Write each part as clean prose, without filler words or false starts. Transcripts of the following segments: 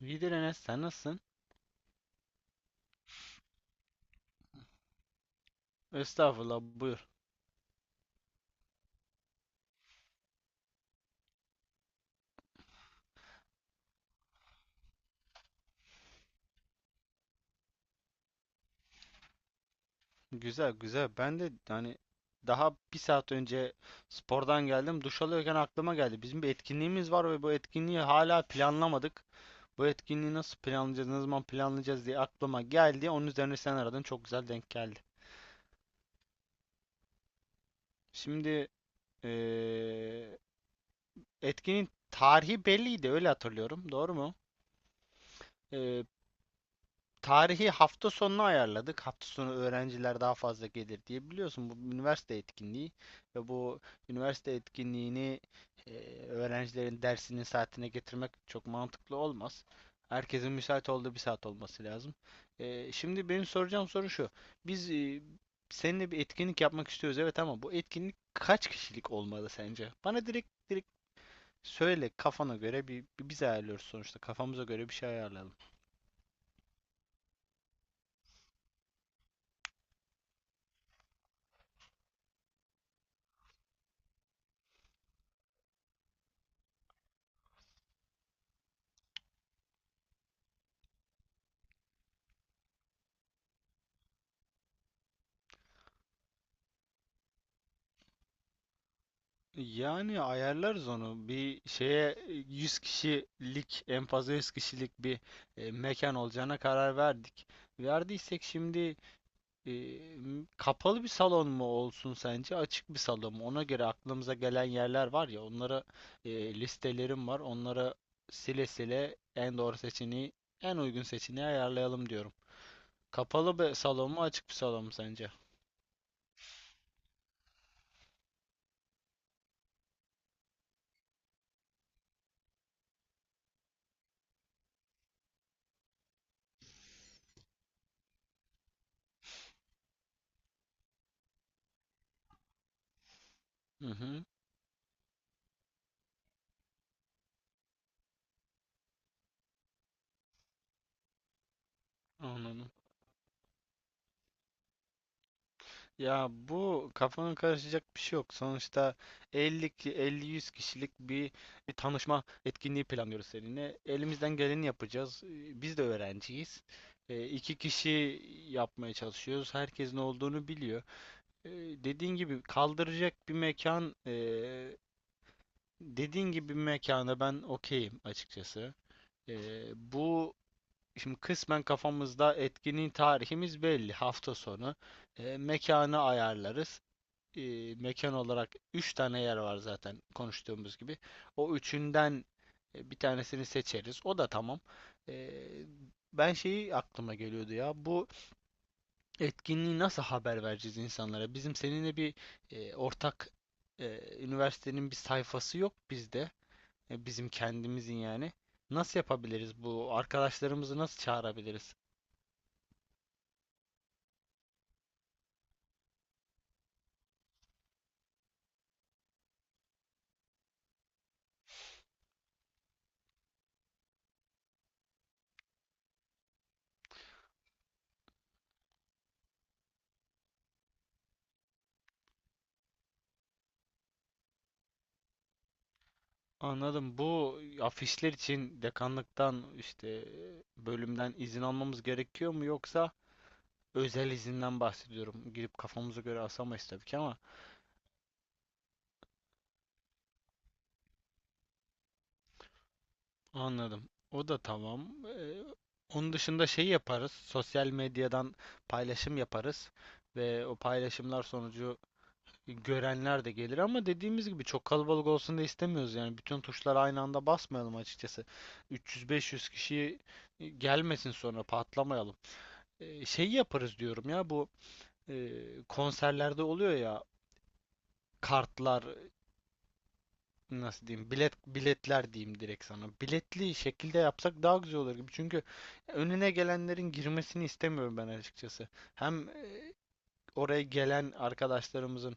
İyidir Enes, sen nasılsın? Estağfurullah, buyur. Güzel, güzel. Ben de hani daha bir saat önce spordan geldim. Duş alıyorken aklıma geldi. Bizim bir etkinliğimiz var ve bu etkinliği hala planlamadık. Bu etkinliği nasıl planlayacağız, ne zaman planlayacağız diye aklıma geldi. Onun üzerine sen aradın, çok güzel denk geldi. Şimdi eee, etkinin tarihi belliydi, öyle hatırlıyorum. Doğru mu? Tarihi hafta sonuna ayarladık. Hafta sonu öğrenciler daha fazla gelir diye biliyorsun bu üniversite etkinliği ve bu üniversite etkinliğini e, öğrencilerin dersinin saatine getirmek çok mantıklı olmaz. Herkesin müsait olduğu bir saat olması lazım. Şimdi benim soracağım soru şu. Biz seninle bir etkinlik yapmak istiyoruz, evet, ama bu etkinlik kaç kişilik olmalı sence? Bana direkt direkt söyle, kafana göre bir, biz ayarlıyoruz sonuçta, kafamıza göre bir şey ayarlayalım. Yani ayarlarız onu. 100 kişilik, en fazla 100 kişilik bir mekan olacağına karar verdik. Verdiysek şimdi e, kapalı bir salon mu olsun sence? Açık bir salon mu? Ona göre aklımıza gelen yerler var ya, onlara listelerim var. Onlara sile sile en doğru seçeneği, en uygun seçeneği ayarlayalım diyorum. Kapalı bir salon mu, açık bir salon mu sence? Hı hı, anladım. Ya bu kafanın karışacak bir şey yok. Sonuçta 50-100 kişilik bir tanışma etkinliği planlıyoruz seninle. Elimizden geleni yapacağız. Biz de öğrenciyiz. İki kişi yapmaya çalışıyoruz. Herkes ne olduğunu biliyor. Ee, Dediğin gibi kaldıracak bir mekan, dediğin gibi bir mekana ben okeyim açıkçası. Bu şimdi kısmen kafamızda etkinliğin tarihimiz belli. Hafta sonu. Mekanı ayarlarız, mekan olarak 3 tane yer var zaten konuştuğumuz gibi. O üçünden bir tanesini seçeriz. O da tamam. E, Ben şeyi aklıma geliyordu ya. Bu etkinliği nasıl haber vereceğiz insanlara? Bizim seninle bir ortak üniversitenin bir sayfası yok bizde. Bizim kendimizin yani. Nasıl yapabiliriz bu? Arkadaşlarımızı nasıl çağırabiliriz? Anladım. Bu afişler için dekanlıktan, işte bölümden izin almamız gerekiyor mu, yoksa özel izinden bahsediyorum. Girip kafamıza göre asamayız tabii ki ama anladım. O da tamam. Onun dışında şey yaparız. Sosyal medyadan paylaşım yaparız ve o paylaşımlar sonucu görenler de gelir, ama dediğimiz gibi çok kalabalık olsun da istemiyoruz. Yani bütün tuşlara aynı anda basmayalım açıkçası. 300-500 kişi gelmesin sonra patlamayalım. Şeyi yaparız diyorum ya, bu e, konserlerde oluyor ya, kartlar, nasıl diyeyim, biletler diyeyim, direkt sana biletli şekilde yapsak daha güzel olur gibi, çünkü önüne gelenlerin girmesini istemiyorum ben açıkçası. Hem oraya gelen arkadaşlarımızın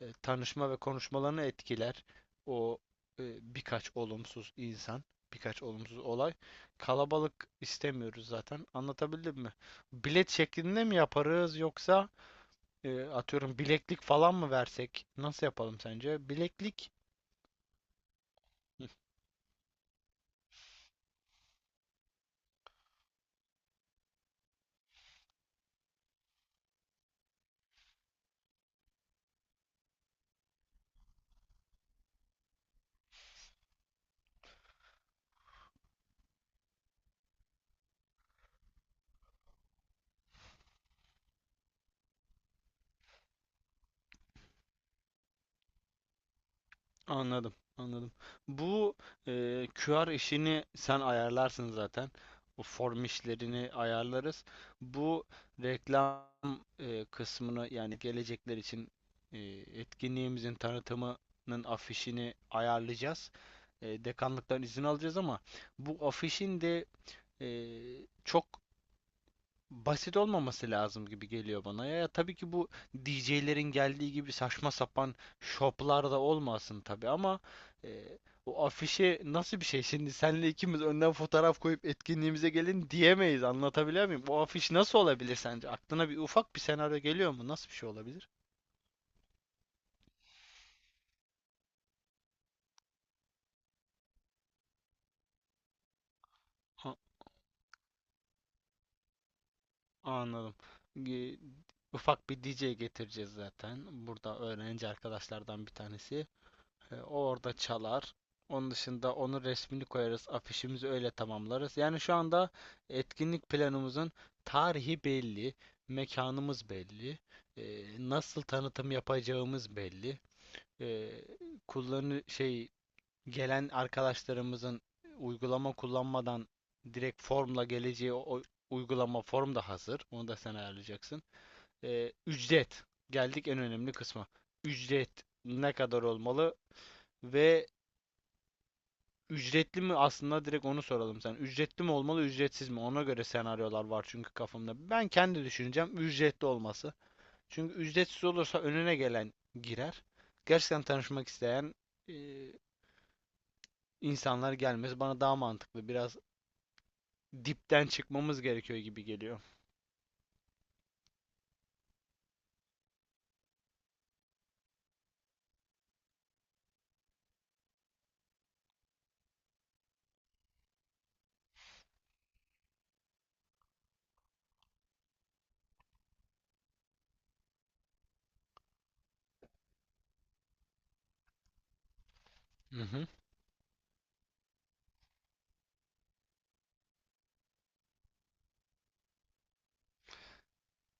tanışma ve konuşmalarını etkiler o e, birkaç olumsuz insan, birkaç olumsuz olay. Kalabalık istemiyoruz zaten, anlatabildim mi? Bilet şeklinde mi yaparız, yoksa atıyorum bileklik falan mı versek? Nasıl yapalım sence? Bileklik. Hı. Anladım, anladım. Bu QR işini sen ayarlarsın zaten. O form işlerini ayarlarız. Bu reklam kısmını, yani gelecekler için e, etkinliğimizin tanıtımının afişini ayarlayacağız. Dekanlıktan izin alacağız, ama bu afişin de e, çok basit olmaması lazım gibi geliyor bana. Ya, ya tabii ki bu DJ'lerin geldiği gibi saçma sapan şoplar da olmasın tabii, ama e, o afişe nasıl bir şey? Şimdi senle ikimiz önden fotoğraf koyup etkinliğimize gelin diyemeyiz. Anlatabiliyor muyum? O afiş nasıl olabilir sence? Aklına bir ufak bir senaryo geliyor mu? Nasıl bir şey olabilir? Ha, anladım. Ge- Ufak bir DJ getireceğiz zaten. Burada öğrenci arkadaşlardan bir tanesi. O orada çalar. Onun dışında onun resmini koyarız, afişimizi öyle tamamlarız. Yani şu anda etkinlik planımızın tarihi belli, mekanımız belli, nasıl tanıtım yapacağımız belli, e, kullanı şey, gelen arkadaşlarımızın uygulama kullanmadan direkt formla geleceği o uygulama form da hazır. Onu da sen ayarlayacaksın. Ücret. Geldik en önemli kısma. Ücret ne kadar olmalı? Ve ücretli mi? Aslında direkt onu soralım sen. Ücretli mi olmalı, ücretsiz mi? Ona göre senaryolar var çünkü kafamda. Ben kendi düşüneceğim ücretli olması. Çünkü ücretsiz olursa önüne gelen girer. Gerçekten tanışmak isteyen e, insanlar gelmez. Bana daha mantıklı. Biraz dipten çıkmamız gerekiyor gibi geliyor. Hı hı.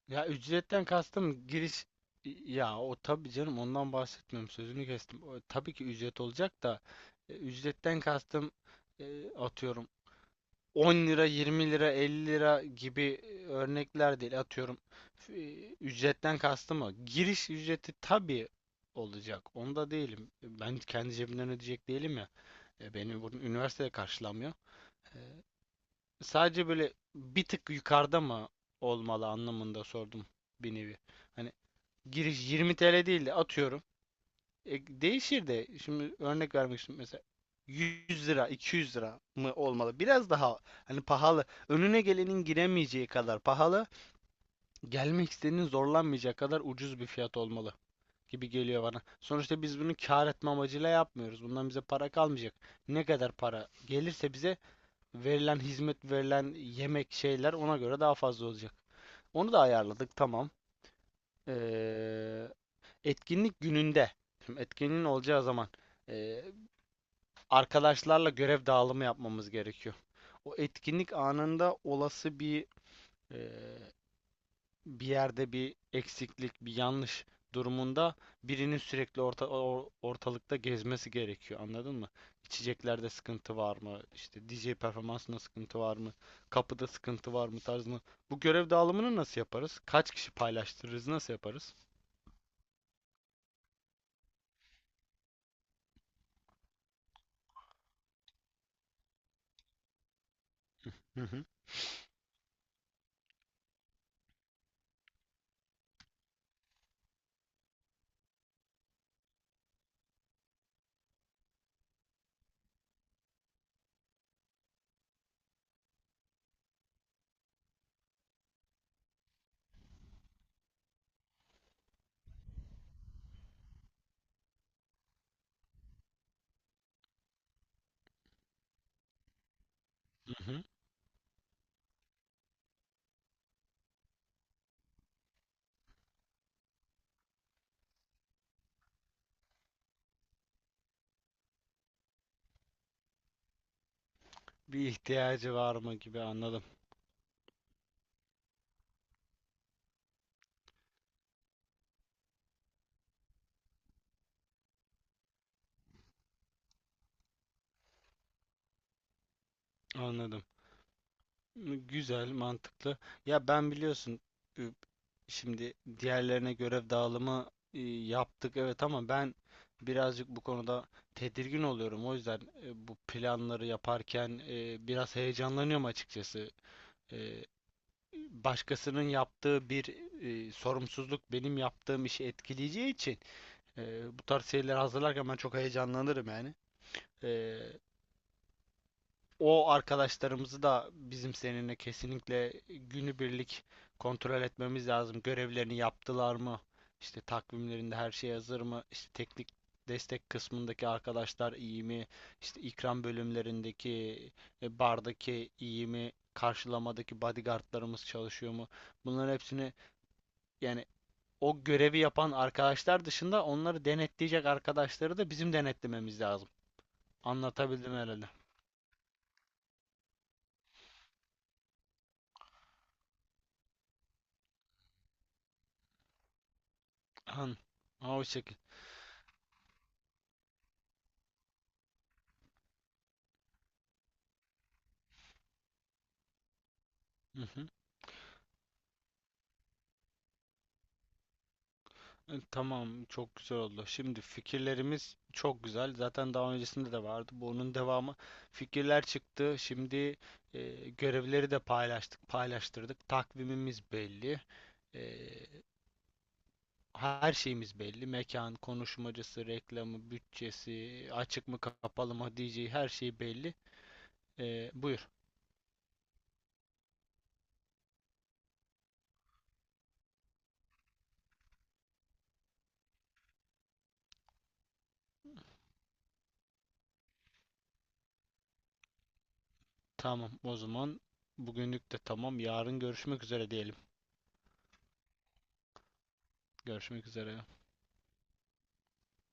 Ya ücretten kastım giriş, ya o tabii canım, ondan bahsetmiyorum. Sözünü kestim. O, tabii ki ücret olacak da, ücretten kastım atıyorum 10 lira, 20 lira, 50 lira gibi örnekler değil. Atıyorum ücretten kastım o. Giriş ücreti tabii olacak. Onda değilim. Ben kendi cebimden ödeyecek değilim ya. Benim bunun üniversitede karşılamıyor. E, Sadece böyle bir tık yukarıda mı olmalı anlamında sordum bir nevi. Hani giriş 20 TL değil de atıyorum değişir de şimdi örnek vermek istiyorum mesela, 100 lira 200 lira mı olmalı? Biraz daha hani pahalı, önüne gelenin giremeyeceği kadar pahalı, gelmek isteyenin zorlanmayacağı kadar ucuz bir fiyat olmalı gibi geliyor bana. Sonuçta biz bunu kar etme amacıyla yapmıyoruz. Bundan bize para kalmayacak. Ne kadar para gelirse bize verilen hizmet, verilen yemek şeyler ona göre daha fazla olacak. Onu da ayarladık, tamam. Ee, Etkinlik gününde. Şimdi etkinliğin olacağı zaman. Ee, Arkadaşlarla görev dağılımı yapmamız gerekiyor. O etkinlik anında olası bir e, bir yerde bir eksiklik, bir yanlış durumunda birinin sürekli ortalıkta gezmesi gerekiyor. Anladın mı? İçeceklerde sıkıntı var mı? İşte DJ performansında sıkıntı var mı? Kapıda sıkıntı var mı tarzında. Bu görev dağılımını nasıl yaparız? Kaç kişi paylaştırırız? Nasıl yaparız? Hı hı. Hı hı. Bir ihtiyacı var mı gibi, anladım. Anladım. Güzel, mantıklı. Ya ben biliyorsun, ü- şimdi diğerlerine görev dağılımı yaptık evet, ama ben birazcık bu konuda tedirgin oluyorum. O yüzden bu planları yaparken biraz heyecanlanıyorum açıkçası. E, Başkasının yaptığı bir sorumsuzluk benim yaptığım işi etkileyeceği için e, bu tarz şeyleri hazırlarken ben çok heyecanlanırım yani. E, O arkadaşlarımızı da bizim seninle kesinlikle günübirlik kontrol etmemiz lazım. Görevlerini yaptılar mı? İşte takvimlerinde her şey hazır mı? İşte teknik destek kısmındaki arkadaşlar iyi mi? İşte ikram bölümlerindeki bardaki iyi mi? Karşılamadaki bodyguardlarımız çalışıyor mu? Bunların hepsini, yani o görevi yapan arkadaşlar dışında onları denetleyecek arkadaşları da bizim denetlememiz lazım. Anlatabildim herhalde. An. Ha, o şekil. Hı hı. Tamam, çok güzel oldu. Şimdi fikirlerimiz çok güzel. Zaten daha öncesinde de vardı. Bunun devamı fikirler çıktı. Şimdi görevleri de paylaştık, paylaştırdık. Takvimimiz belli. E, Her şeyimiz belli. Mekan, konuşmacısı, reklamı, bütçesi, açık mı kapalı mı diyeceği her şey belli. Buyur. Tamam, o zaman bugünlük de tamam. Yarın görüşmek üzere diyelim. Görüşmek üzere.